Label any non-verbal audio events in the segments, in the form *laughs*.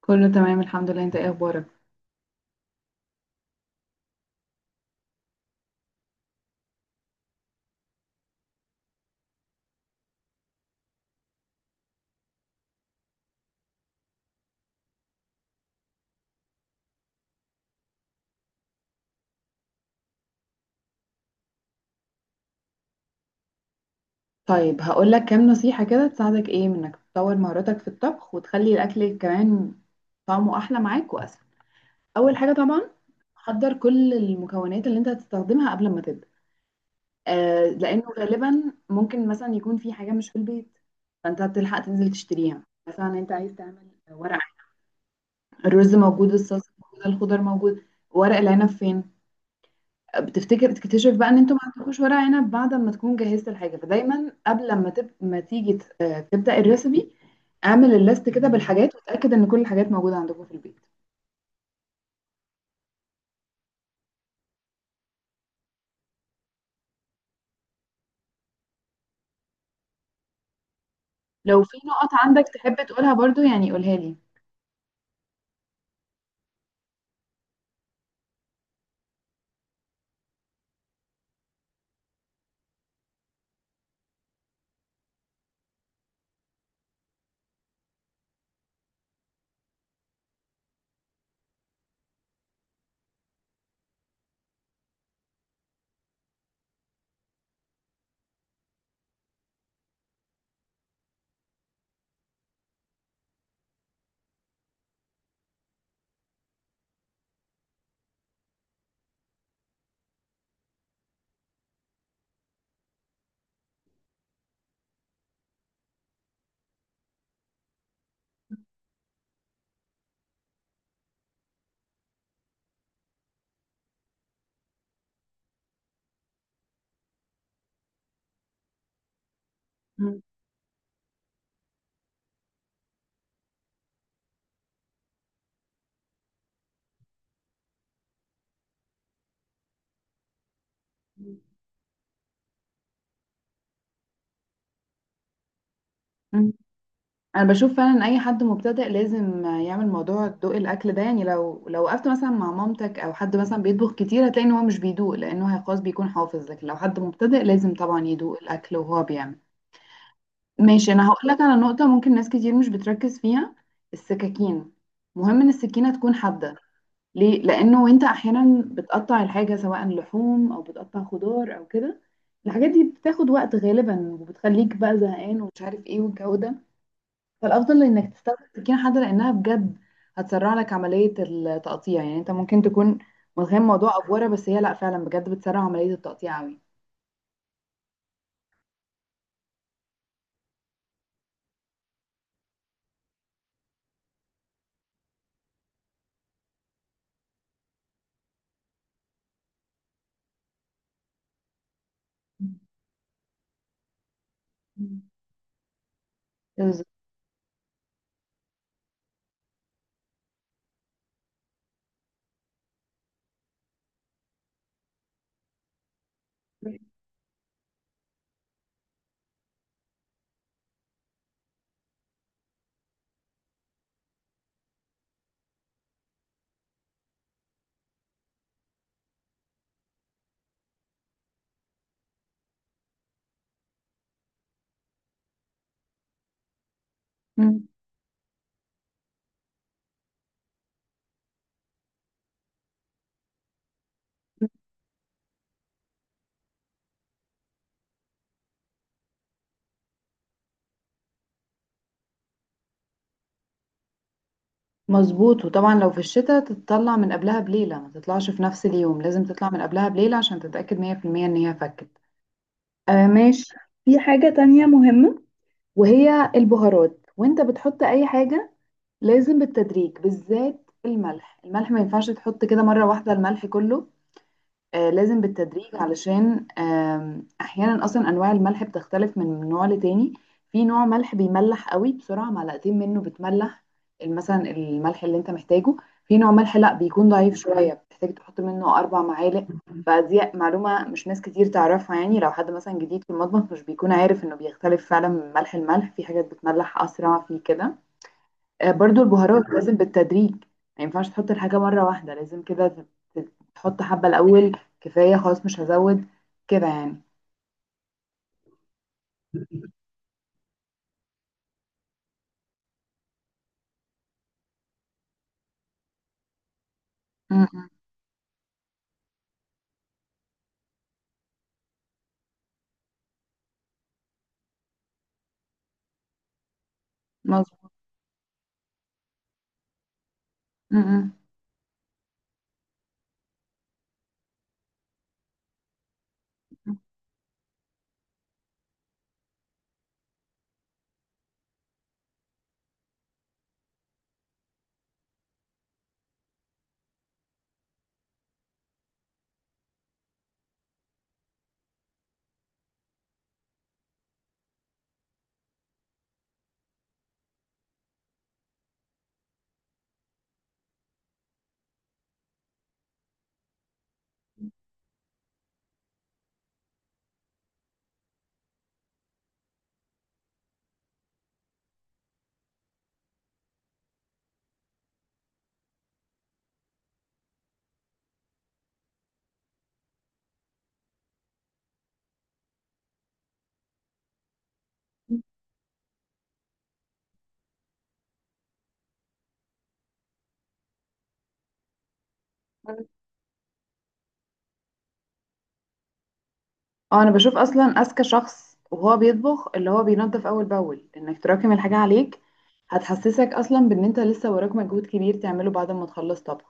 كله تمام الحمد لله. انت ايه اخبارك؟ طيب هقول لك كام نصيحة كده تساعدك، ايه منك تطور مهاراتك في الطبخ وتخلي الاكل كمان طعمه احلى معاك واسهل. اول حاجة طبعا حضر كل المكونات اللي انت هتستخدمها قبل ما تبدأ. لانه غالبا ممكن مثلا يكون في حاجة مش في البيت، فانت هتلحق تنزل تشتريها. مثلا انت عايز تعمل ورق عنب، الرز موجود، الصلصة موجودة، الخضار موجود، ورق العنب فين؟ بتفتكر بتكتشف بقى ان انتوا ما عندكوش ورق عنب بعد ما تكون جهزت الحاجه. فدايما قبل ما تب... ما تيجي ت- آه، تبدا الريسبي، اعمل الليست كده بالحاجات وتاكد ان كل الحاجات موجوده عندكم في البيت. لو في نقط عندك تحب تقولها برضو، يعني قولها لي. مم. مم. انا بشوف فعلا ان اي حد مبتدئ لازم يعمل موضوع ذوق الاكل ده. يعني لو وقفت مثلا مع مامتك او حد مثلا بيطبخ كتير، هتلاقي ان هو مش بيدوق لانه هي خلاص بيكون حافظ. لكن لو حد مبتدئ لازم طبعا يدوق الاكل وهو بيعمل. ماشي، انا هقول لك على نقطة ممكن ناس كتير مش بتركز فيها: السكاكين. مهم ان السكينة تكون حادة. ليه؟ لانه وانت احيانا بتقطع الحاجة، سواء لحوم او بتقطع خضار او كده، الحاجات دي بتاخد وقت غالبا وبتخليك بقى زهقان ومش عارف ايه والجو ده. فالافضل انك تستخدم سكينة حادة، لانها بجد هتسرع لك عملية التقطيع. يعني انت ممكن تكون متخيل موضوع افورة، بس هي لا، فعلا بجد بتسرع عملية التقطيع قوي. *laughs* بالظبط. مظبوط، وطبعا لو في الشتاء تطلع من قبلها بليلة، ما تطلعش في نفس اليوم، لازم تطلع من قبلها بليلة عشان تتأكد 100% ان هي فكت. آه ماشي. في حاجة تانية مهمة وهي البهارات، وانت بتحط اي حاجة لازم بالتدريج، بالذات الملح. الملح ما ينفعش تحط كده مرة واحدة الملح كله. لازم بالتدريج، علشان احيانا اصلا انواع الملح بتختلف من نوع لتاني. في نوع ملح بيملح قوي، بسرعه معلقتين منه بتملح مثلا الملح اللي انت محتاجه. في نوع ملح لا، بيكون ضعيف شويه، بتحتاج تحط منه اربع معالق. فدي معلومه مش ناس كتير تعرفها. يعني لو حد مثلا جديد في المطبخ مش بيكون عارف انه بيختلف فعلا من ملح الملح، في حاجات بتملح اسرع في كده. برضو البهارات لازم بالتدريج. ما ينفعش تحط الحاجة مرة واحدة، لازم كده تحط حبة الأول، كفاية خلاص مش هزود كده يعني. م- م. مظبوط. م- م. اه، أنا بشوف أصلا أذكى شخص وهو بيطبخ اللي هو بينظف أول بأول. إنك تراكم الحاجة عليك هتحسسك أصلا بإن أنت لسه وراك مجهود كبير تعمله بعد ما تخلص طبخ.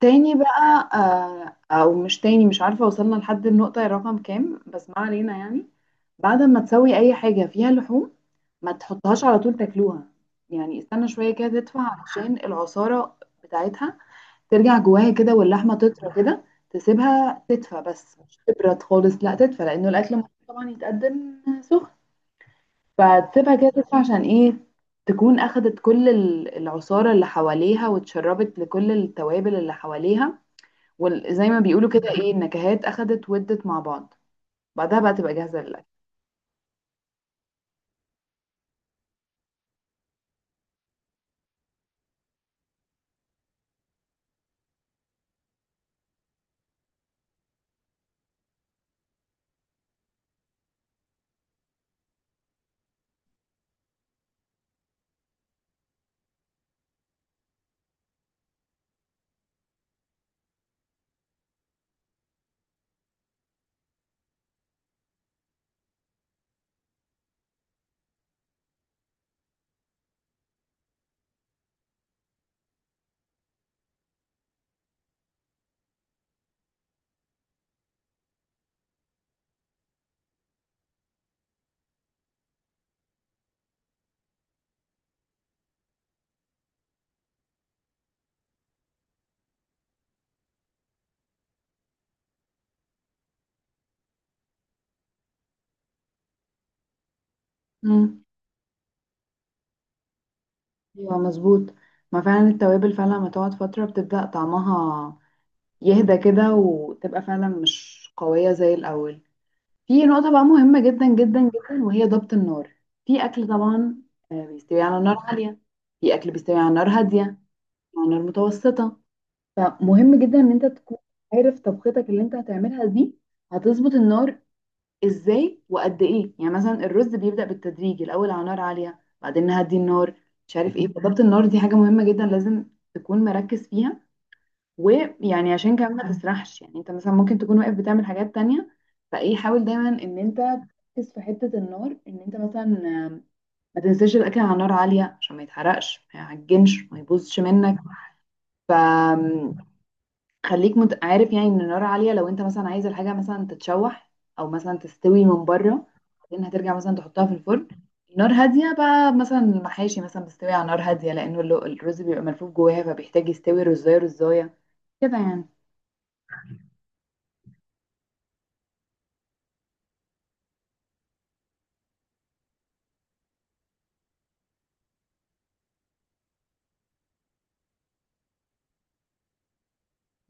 تاني بقى، او مش تاني، مش عارفة وصلنا لحد النقطة رقم كام، بس ما علينا. يعني بعد ما تسوي اي حاجة فيها لحوم، ما تحطهاش على طول تاكلوها. يعني استنى شوية كده تدفع علشان العصارة بتاعتها ترجع جواها كده واللحمة تطرى كده. تسيبها تدفى، بس مش تبرد خالص، لا تدفى، لانه الاكل المفروض طبعا يتقدم سخن. فتسيبها كده تدفى عشان ايه؟ تكون اخدت كل العصارة اللي حواليها واتشربت لكل التوابل اللي حواليها، وزي ما بيقولوا كده ايه، النكهات اخدت ودت مع بعض. بعدها بقى تبقى جاهزة للأكل. امم، ايوه مظبوط. ما فعلا التوابل فعلا لما تقعد فترة بتبدأ طعمها يهدى كده وتبقى فعلا مش قوية زي الأول. في نقطة بقى مهمة جدا جدا جدا وهي ضبط النار. في أكل طبعا بيستوي على نار عالية، في أكل بيستوي على نار هادية، على نار متوسطة. فمهم جدا إن أنت تكون عارف طبختك اللي أنت هتعملها دي هتظبط النار ازاي وقد ايه. يعني مثلا الرز بيبدأ بالتدريج، الاول على نار عالية بعدين نهدي النار، مش عارف ايه. فضبط النار دي حاجة مهمة جدا، لازم تكون مركز فيها. ويعني عشان كمان ما تسرحش، يعني انت مثلا ممكن تكون واقف بتعمل حاجات تانية. فايه، حاول دايما ان انت تركز في حتة النار. ان انت مثلا آم، ما تنساش الاكل على نار عالية عشان ما يتحرقش، ما يعجنش، ما يبوظش منك. ف عارف يعني ان النار عاليه لو انت مثلا عايز الحاجه مثلا تتشوح او مثلا تستوي من بره، بعدين هترجع مثلا تحطها في الفرن. نار هاديه بقى مثلا المحاشي مثلا بتستوي على نار هاديه، لانه الرز بيبقى ملفوف جواها فبيحتاج يستوي رزايه رزايه كده يعني.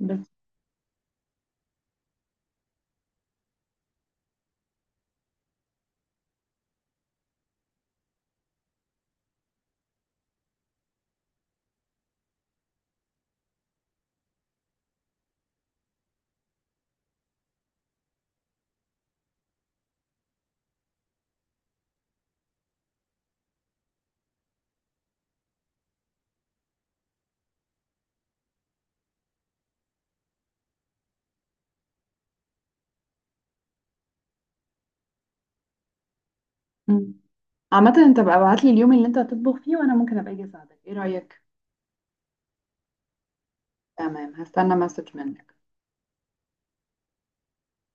بس. مم. عامه انت بقى ابعت لي اليوم اللي انت هتطبخ فيه وانا ممكن ابقى اجي اساعدك، ايه رايك؟ تمام، هستنى مسج منك.